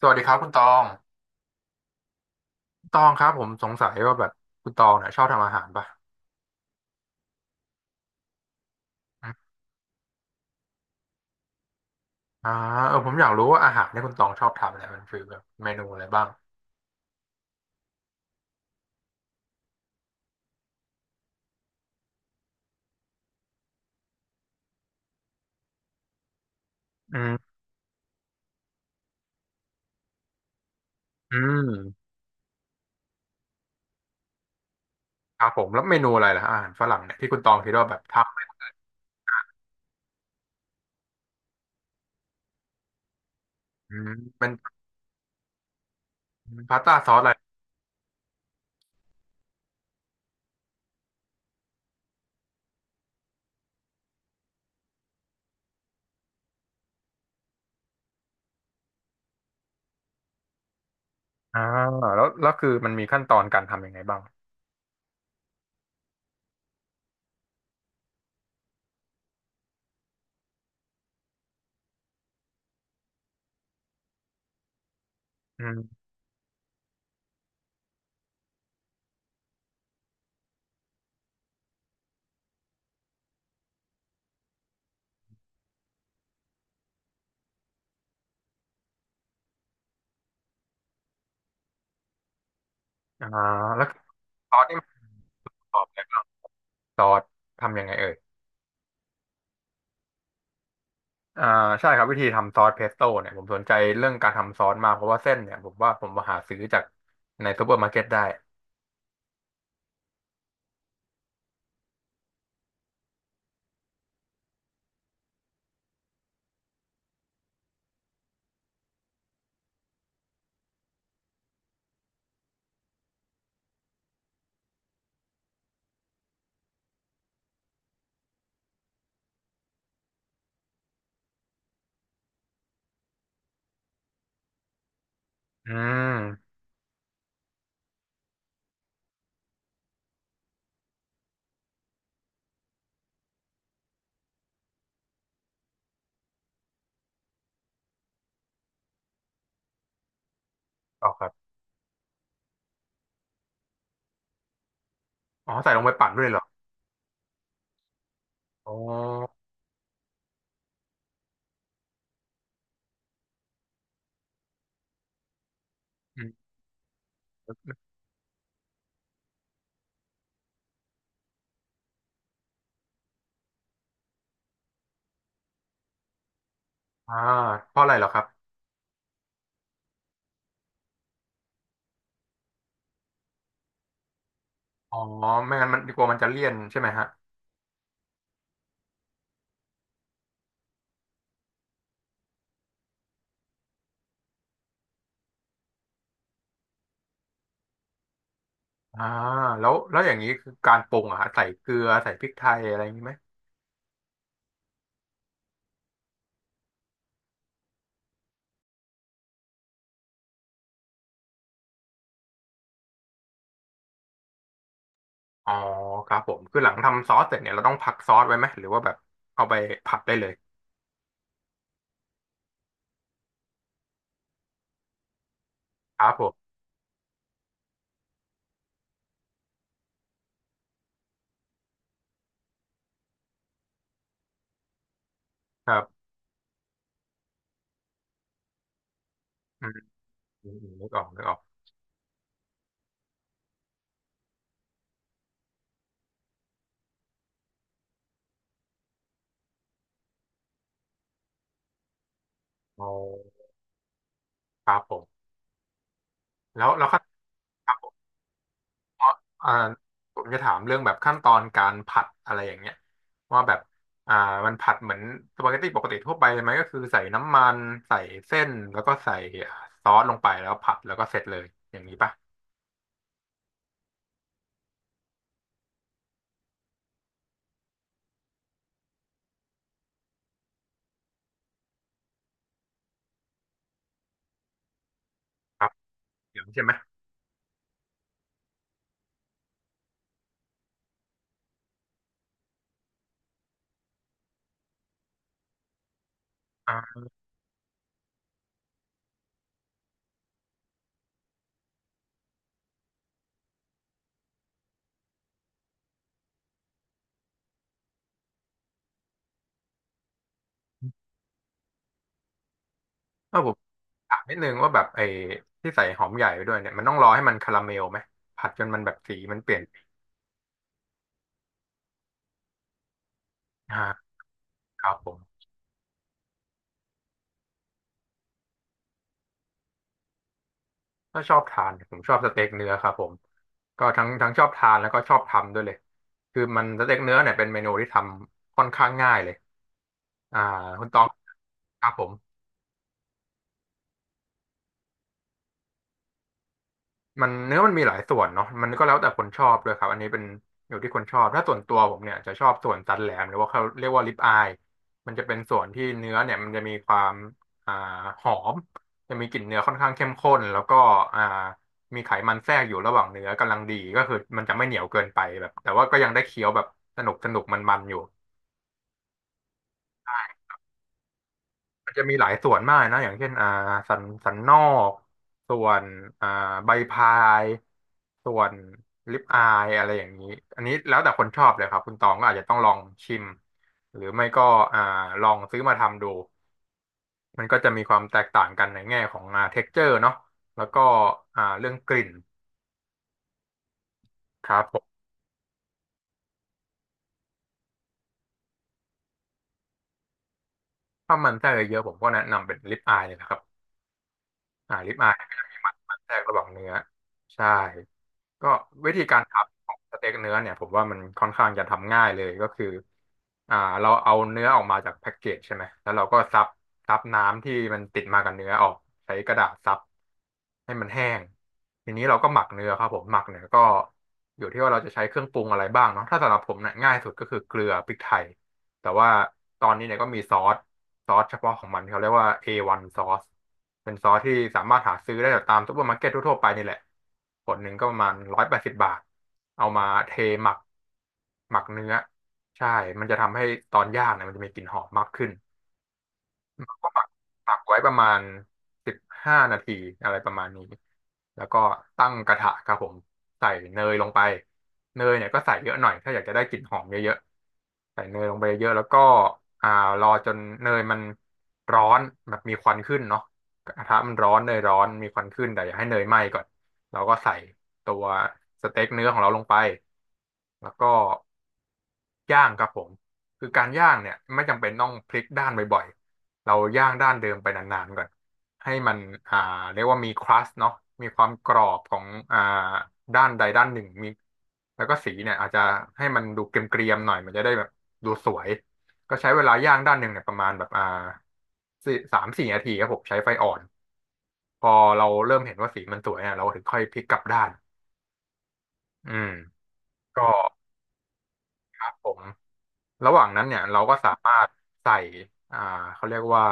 สวัสดีครับคุณตองตองครับผมสงสัยว่าแบบคุณตองเนี่ยชอบทำอาหารป่ะอมอ่าเออผมอยากรู้ว่าอาหารที่คุณตองชอบทำเนี่ยมันคือแบบเมนูอะไรบ้างอืมอืมครับผมแล้วเมนูอะไรล่ะอาหารฝรั่งเนี่ยที่คุณตองคิดว่าแบบทำอืมเป็นพาสต้าซอสอะไรอ่าแล้วคือมันมีขั้นตอนการทำยังไงบ้างอืมอ่าแล้วซอสนี่มันประกอบอะไรบ้างซอสทำยังไงเอ่ย อ่าใช่ครับวิธีทำซอสเพสโต้เนี่ยผมสนใจเรื่องการทำซอสมากเพราะว่าเส้นเนี่ยผมว่าผมมาหาซื้อจากในซูเปอร์มาร์เก็ตได้อืมอ๋อครับอ๋อใส่ลงไปปั่นด้วยเหรออ๋ออืมอ่าเพราะอะไรเหรอครับอ๋อไม่งั้นมันกลัวมันจะเลี่ยนใช่ไหมฮะอ่าแล้วอย่างนี้คือการปรุงอะฮะใส่เกลือใส่พริกไทยอะไรอย่างนี้ไหมอ๋อครับผมคือหลังทำซอสเสร็จเนี่ยเราต้องพักซอสไว้ไหมหรือว่าแบบเอาไปผัดได้เลยครับผมครับอืมอืมอืมนึกออกนึกออกอ๋อครับผม แล้วขั้นครับผมอ่าผมจะถามเรื่องแบบขั้นตอนการผัดอะไรอย่างเงี้ยว่าแบบอ่ามันผัดเหมือนสปาเกตตี้ปกติทั่วไปเลยไหมก็คือใส่น้ำมันใส่เส้นแล้วก็ใส่ซอสลงไปแล้วผัดแล้วก็เสร็จเลยอย่างนี้ป่ะครับอย่างนี้ใช่ไหมอ่าแล้วผมถามนิดนึงว่าแบบไอ้ที่ใส่หอมใหญ่ไปด้วยเนี่ยมันต้องรอให้มันคาราเมลไหมผัดจนมันแบบสีมันเปลี่ยนอ่าครับผม ก็ชอบทานผมชอบสเต็กเนื้อครับผมก็ทั้งชอบทานแล้วก็ชอบทำด้วยเลยคือมันสเต็กเนื้อเนี่ยเป็นเมนูที่ทำค่อนข้างง่ายเลยอ่าคุณตองครับผม มันเนื้อมันมีหลายส่วนเนาะมันก็แล้วแต่คนชอบด้วยครับอันนี้เป็นอยู่ที่คนชอบถ้าส่วนตัวผมเนี่ยจะชอบส่วนสันแหลมหรือว่าเขาเรียกว่าริบอายมันจะเป็นส่วนที่เนื้อเนี่ยมันจะมีความอ่าหอมจะมีกลิ่นเนื้อค่อนข้างเข้มข้นแล้วก็อ่ามีไขมันแทรกอยู่ระหว่างเนื้อกำลังดีก็คือมันจะไม่เหนียวเกินไปแบบแต่ว่าก็ยังได้เคี้ยวแบบสนุกสนุกมันๆอยู่ มันจะมีหลายส่วนมากนะอย่างเช่นอ่าสันนอกส่วนอ่าใบพายส่วนลิปอายอะไรอย่างนี้อันนี้แล้วแต่คนชอบเลยครับคุณตองก็อาจจะต้องลองชิมหรือไม่ก็อ่าลองซื้อมาทำดูมันก็จะมีความแตกต่างกันในแง่ของอ่า ture เจอเนาะแล้วก็เรื่องกลิ่นครับผมถ้ามันแทรกเยอะๆผมก็แนะนำเป็นลิปอายเลยนะครับ ริบอายมันจะมีมันแทรกระหว่างเนื้อใช่ก็วิธีการทำของสเต็กเนื้อเนี่ยผมว่ามันค่อนข้างจะทำง่ายเลยก็คืออ่าเราเอาเนื้อออกมาจากแพ็กเกจใช่ไหมแล้วเราก็ซับน้ำที่มันติดมากับเนื้อออกใช้กระดาษซับให้มันแห้งทีนี้เราก็หมักเนื้อครับผมหมักเนี่ยก็อยู่ที่ว่าเราจะใช้เครื่องปรุงอะไรบ้างเนาะถ้าสำหรับผมเนี่ยง่ายสุดก็คือเกลือพริกไทย แต่ว่าตอนนี้เนี่ยก็มีซอสเฉพาะของมันที่เขาเรียกว่า A1 ซอสเป็นซอสที่สามารถหาซื้อได้จากตามซุปเปอร์มาร์เก็ตทั่วๆไปนี่แหละขวดหนึ่งก็ประมาณ180 บาทเอามาเทหมักหมักเนื้อใช่มันจะทำให้ตอนย่างเนี่ยมันจะมีกลิ่นหอมมากขึ้น ก็ปักไว้ประมาณ15 นาทีอะไรประมาณนี้แล้วก็ตั้งกระทะครับผมใส่เนยลงไปเนยเนี่ยก็ใส่เยอะหน่อยถ้าอยากจะได้กลิ่นหอมเยอะๆใส่เนยลงไปเยอะแล้วก็อ่ารอจนเนยมันร้อนแบบมีควันขึ้นเนาะกระทะมันร้อนเนยร้อน มีควันขึ้นแต่อย่าให้เนยไหม้ก่อนเราก็ใส่ตัวสเต็กเนื้อของเราลงไปแล้วก็ ย่างครับผมคือการย่างเนี่ยไม่จำเป็นต้องพลิกด้านบ่อยๆเราย่างด้านเดิมไปนานๆก่อนให้มันอ่าเรียกว่ามีครัสเนาะมีความกรอบของอ่าด้านใดด้านหนึ่งมีแล้วก็สีเนี่ยอาจจะให้มันดูเกรียมๆหน่อยมันจะได้แบบดูสวยก็ใช้เวลาย่างด้านหนึ่งเนี่ยประมาณแบบสามสี่นาทีครับผมใช้ไฟอ่อนพอเราเริ่มเห็นว่าสีมันสวยเนี่ยเราถึงค่อยพลิกกลับด้านอืมก็ ครับผมระหว่างนั้นเนี่ยเราก็สามารถใส่อ่าเขาเรียกว่า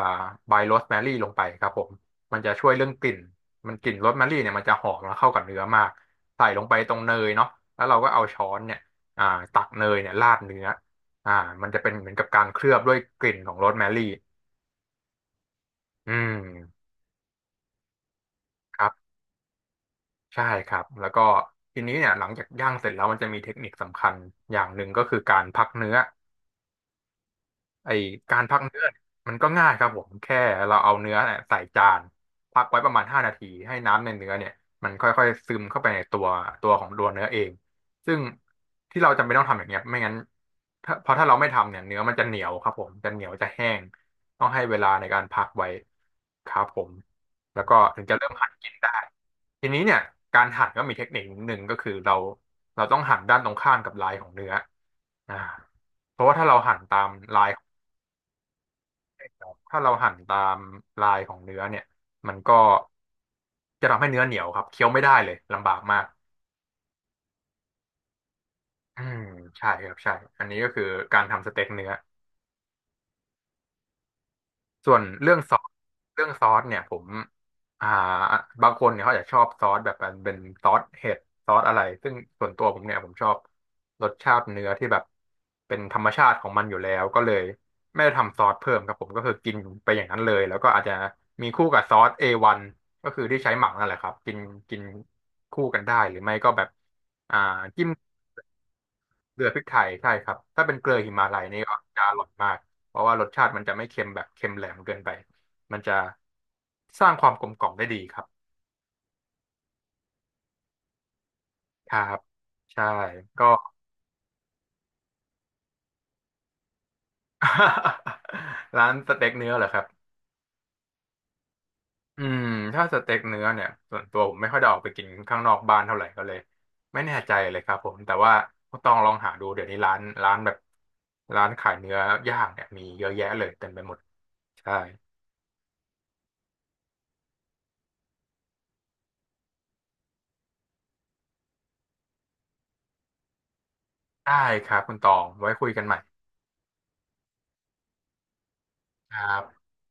ใบโรสแมรี่ลงไปครับผมมันจะช่วยเรื่องกลิ่นมันกลิ่นโรสแมรี่เนี่ยมันจะหอมแล้วเข้ากับเนื้อมากใส่ลงไปตรงเนยเนาะแล้วเราก็เอาช้อนเนี่ยอ่าตักเนยเนี่ยราดเนื้ออ่ามันจะเป็นเหมือนกับการเคลือบด้วยกลิ่นของโรสแมรี่อืมครับใช่ครับแล้วก็ทีนี้เนี่ยหลังจากย่างเสร็จแล้วมันจะมีเทคนิคสำคัญอย่างหนึ่งก็คือการพักเนื้อ ไอการพักเนื้อเนี่ยมันก็ง่ายครับผมแค่เราเอาเนื้อเนี่ยใส่จานพักไว้ประมาณ5 นาทีให้น้ำในเนื้อเนี่ยมันค่อยๆซึมเข้าไปในตัวตัวของตัวเนื้อเองซึ่งที่เราจำเป็นต้องทำอย่างเงี้ยไม่งั้นเพราะถ้าเราไม่ทำเนี่ยเนื้อมันจะเหนียวครับผมจะเหนียวจะแห้งต้องให้เวลาในการพักไว้ครับผมแล้วก็ถึงจะเริ่มหั่นกินได้ทีนี้เนี่ยการหั่นก็มีเทคนิคหนึ่งก็คือเราต้องหั่นด้านตรงข้ามกับลายของเนื้ออ่าเพราะว่าถ้าเราหั่นตามลาย ถ้าเราหั่นตามลายของเนื้อเนี่ยมันก็จะทำให้เนื้อเหนียวครับเคี้ยวไม่ได้เลยลำบากมากอืมใช่ครับใช่อันนี้ก็คือการทำสเต็กเนื้อ ส่วนเรื่องซอสเรื่องซอสเนี่ยผมอ่าบางคนเนี่ยเขาอาจจะชอบซอสแบบเป็นซอสเห็ดซอสอะไรซึ่งส่วนตัวผมเนี่ยผมชอบรสชาติเนื้อที่แบบเป็นธรรมชาติของมันอยู่แล้วก็เลยไม่ได้ทำซอสเพิ่มครับผมก็คือกินไปอย่างนั้นเลยแล้วก็อาจจะมีคู่กับซอส a นก็คือที่ใช้หมักนั่นแหละครับกินกินคู่กันได้หรือไม่ก็แบบอ่าจิ้ม เกลือพริกไทยใช่ครับถ้าเป็นเกลือหิมาลัยนี่ก็จะอร่อยมากเพราะว่ารสชาติมันจะไม่เค็มแบบเค็มแหลมเกินไปมันจะสร้างความกลมกล่อมได้ดีครับครับใช่ก็ ร้านสเต็กเนื้อเหรอครับอืมถ้าสเต็กเนื้อเนี่ยส่วนตัวผมไม่ค่อยได้ออกไปกินข้างนอกบ้านเท่าไหร่ก็เลยไม่แน่ใจเลยครับผมแต่ว่าต้องลองหาดูเดี๋ยวนี้ร้านแบบร้านขายเนื้อย่างเนี่ยมีเยอะแยะเลยเต็มไปหมดใช่ได้ครับคุณตองไว้คุยกันใหม่ครับ